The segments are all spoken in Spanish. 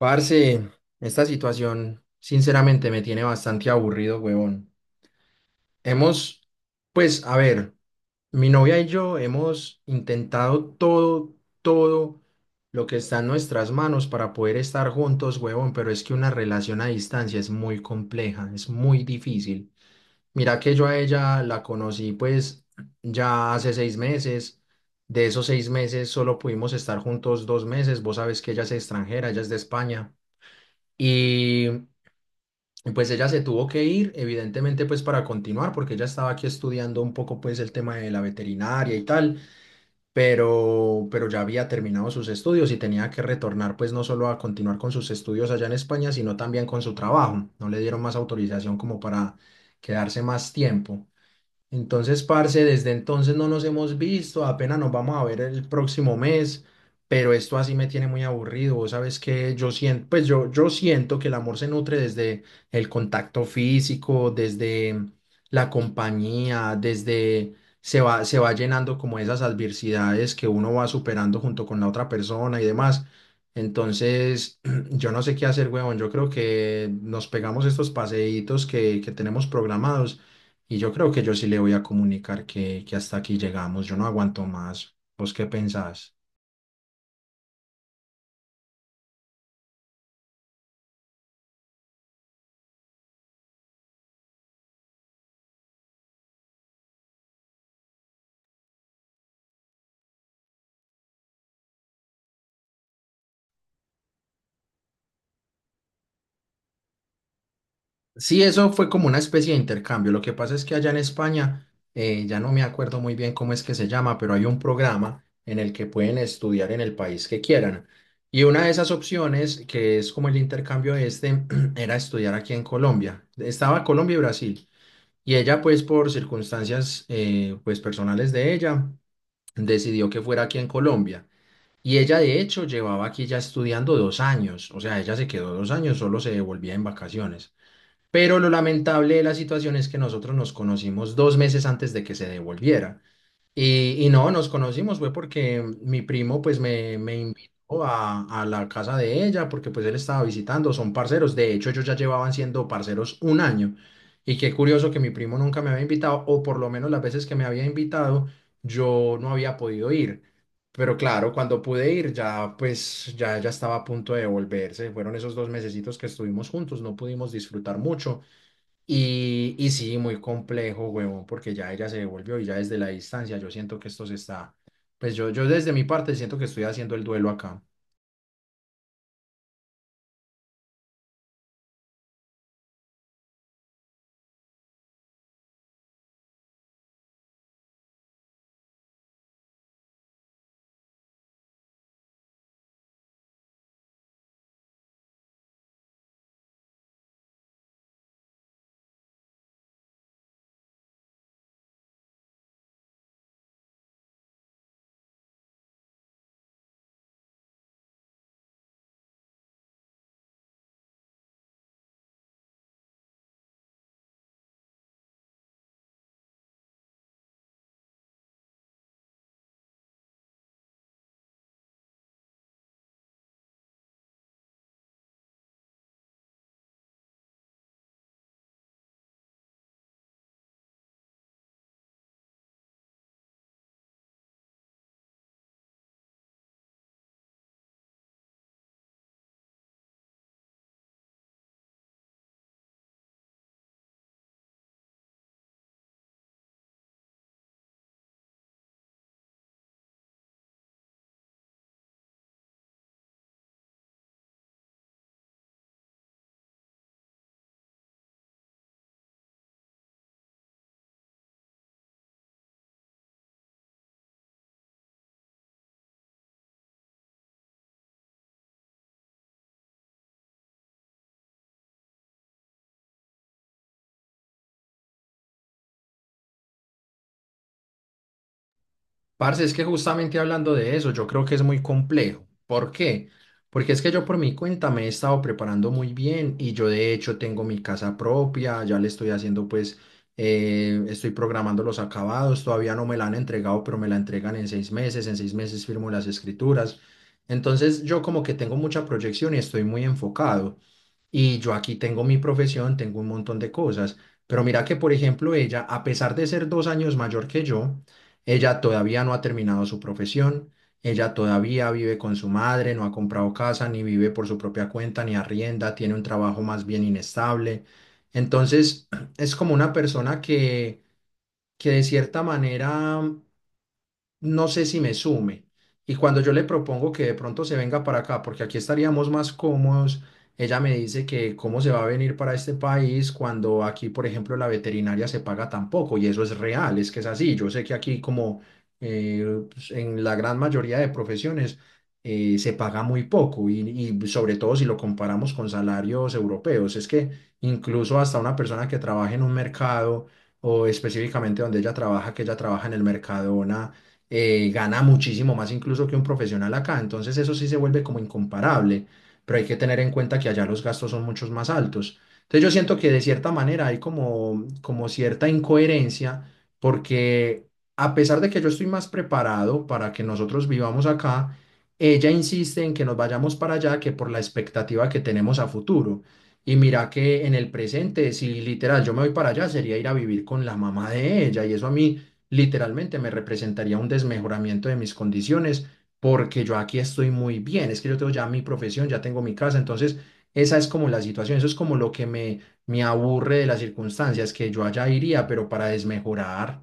Parce, esta situación sinceramente me tiene bastante aburrido, huevón. Hemos, pues, a ver, mi novia y yo hemos intentado todo, todo lo que está en nuestras manos para poder estar juntos, huevón, pero es que una relación a distancia es muy compleja, es muy difícil. Mira que yo a ella la conocí, pues, ya hace 6 meses. De esos 6 meses solo pudimos estar juntos 2 meses. Vos sabes que ella es extranjera, ella es de España. Y y pues ella se tuvo que ir, evidentemente, pues para continuar, porque ella estaba aquí estudiando un poco, pues el tema de la veterinaria y tal, pero ya había terminado sus estudios y tenía que retornar, pues no solo a continuar con sus estudios allá en España, sino también con su trabajo. No le dieron más autorización como para quedarse más tiempo. Entonces, parce, desde entonces no nos hemos visto, apenas nos vamos a ver el próximo mes, pero esto así me tiene muy aburrido. Vos sabes que yo siento, pues yo siento que el amor se nutre desde el contacto físico, desde la compañía, desde se va llenando como esas adversidades que uno va superando junto con la otra persona y demás. Entonces, yo no sé qué hacer, huevón. Yo creo que nos pegamos estos paseitos que tenemos programados y yo creo que yo sí le voy a comunicar que hasta aquí llegamos, yo no aguanto más. ¿Vos qué pensás? Sí, eso fue como una especie de intercambio. Lo que pasa es que allá en España, ya no me acuerdo muy bien cómo es que se llama, pero hay un programa en el que pueden estudiar en el país que quieran. Y una de esas opciones, que es como el intercambio este, era estudiar aquí en Colombia. Estaba Colombia y Brasil. Y ella, pues, por circunstancias, pues, personales de ella, decidió que fuera aquí en Colombia. Y ella de hecho llevaba aquí ya estudiando 2 años, o sea, ella se quedó 2 años, solo se devolvía en vacaciones. Pero lo lamentable de la situación es que nosotros nos conocimos 2 meses antes de que se devolviera. Y no, nos conocimos fue porque mi primo pues me invitó a la casa de ella porque pues él estaba visitando, son parceros, de hecho ellos ya llevaban siendo parceros 1 año y qué curioso que mi primo nunca me había invitado o por lo menos las veces que me había invitado yo no había podido ir, pero claro, cuando pude ir ya pues ya estaba a punto de volverse, fueron esos dos mesecitos que estuvimos juntos, no pudimos disfrutar mucho y sí, muy complejo, huevón, porque ya ella se devolvió y ya desde la distancia yo siento que esto se está, pues yo desde mi parte siento que estoy haciendo el duelo acá. Parce, es que justamente hablando de eso, yo creo que es muy complejo. ¿Por qué? Porque es que yo por mi cuenta me he estado preparando muy bien y yo de hecho tengo mi casa propia, ya le estoy haciendo pues, estoy programando los acabados, todavía no me la han entregado, pero me la entregan en 6 meses, en seis meses firmo las escrituras. Entonces yo como que tengo mucha proyección y estoy muy enfocado. Y yo aquí tengo mi profesión, tengo un montón de cosas. Pero mira que, por ejemplo, ella, a pesar de ser 2 años mayor que yo, ella todavía no ha terminado su profesión, ella todavía vive con su madre, no ha comprado casa, ni vive por su propia cuenta, ni arrienda, tiene un trabajo más bien inestable. Entonces, es como una persona que de cierta manera no sé si me sume. Y cuando yo le propongo que de pronto se venga para acá, porque aquí estaríamos más cómodos, ella me dice que cómo se va a venir para este país cuando aquí, por ejemplo, la veterinaria se paga tan poco. Y eso es real, es que es así. Yo sé que aquí, como eh, pues, en la gran mayoría de profesiones, se paga muy poco. Y sobre todo si lo comparamos con salarios europeos, es que incluso hasta una persona que trabaja en un mercado o específicamente donde ella trabaja, que ella trabaja en el Mercadona gana muchísimo más incluso que un profesional acá. Entonces eso sí se vuelve como incomparable, pero hay que tener en cuenta que allá los gastos son muchos más altos. Entonces yo siento que de cierta manera hay como, como cierta incoherencia porque a pesar de que yo estoy más preparado para que nosotros vivamos acá, ella insiste en que nos vayamos para allá que por la expectativa que tenemos a futuro. Y mira que en el presente, si literal yo me voy para allá, sería ir a vivir con la mamá de ella. Y eso a mí literalmente me representaría un desmejoramiento de mis condiciones porque yo aquí estoy muy bien, es que yo tengo ya mi profesión, ya tengo mi casa, entonces esa es como la situación, eso es como lo que me aburre de las circunstancias, que yo allá iría, pero para desmejorar.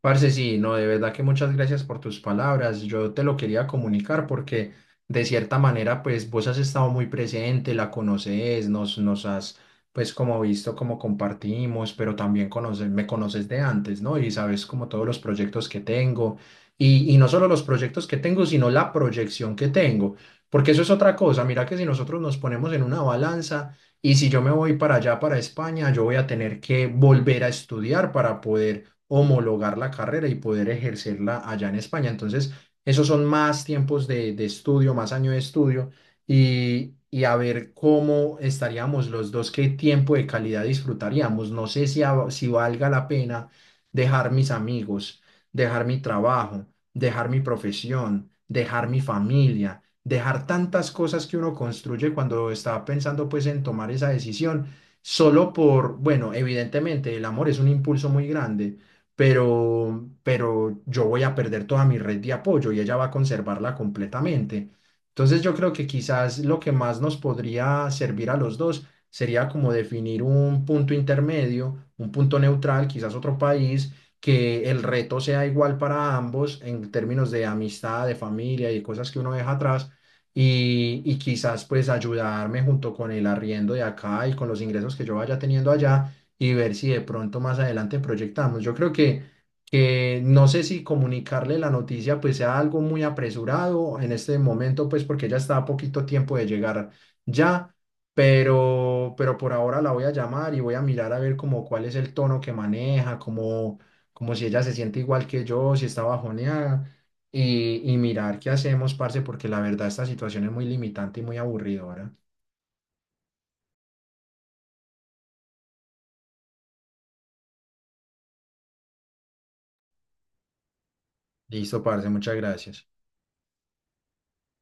Parce, sí, no, de verdad que muchas gracias por tus palabras. Yo te lo quería comunicar porque de cierta manera, pues vos has estado muy presente, la conoces, pues como visto, como compartimos, pero también conoces, me conoces de antes, ¿no? Y sabes como todos los proyectos que tengo. Y no solo los proyectos que tengo, sino la proyección que tengo. Porque eso es otra cosa. Mira que si nosotros nos ponemos en una balanza... Y si yo me voy para allá, para España, yo voy a tener que volver a estudiar para poder homologar la carrera y poder ejercerla allá en España. Entonces, esos son más tiempos de estudio, más año de estudio y a ver cómo estaríamos los dos, qué tiempo de calidad disfrutaríamos. No sé si, a- si valga la pena dejar mis amigos, dejar mi trabajo, dejar mi profesión, dejar mi familia. Dejar tantas cosas que uno construye cuando está pensando pues en tomar esa decisión, solo por, bueno, evidentemente el amor es un impulso muy grande, pero yo voy a perder toda mi red de apoyo y ella va a conservarla completamente. Entonces yo creo que quizás lo que más nos podría servir a los dos sería como definir un punto intermedio, un punto neutral, quizás otro país, que el reto sea igual para ambos en términos de amistad, de familia y cosas que uno deja atrás. Y quizás pues ayudarme junto con el arriendo de acá y con los ingresos que yo vaya teniendo allá y ver si de pronto más adelante proyectamos. Yo creo que no sé si comunicarle la noticia pues sea algo muy apresurado en este momento, pues porque ella está a poquito tiempo de llegar ya, pero por ahora la voy a llamar y voy a mirar a ver como cuál es el tono que maneja, como si ella se siente igual que yo, si está bajoneada. Y mirar qué hacemos, parce, porque la verdad esta situación es muy limitante y muy aburridora. Listo, parce, muchas gracias.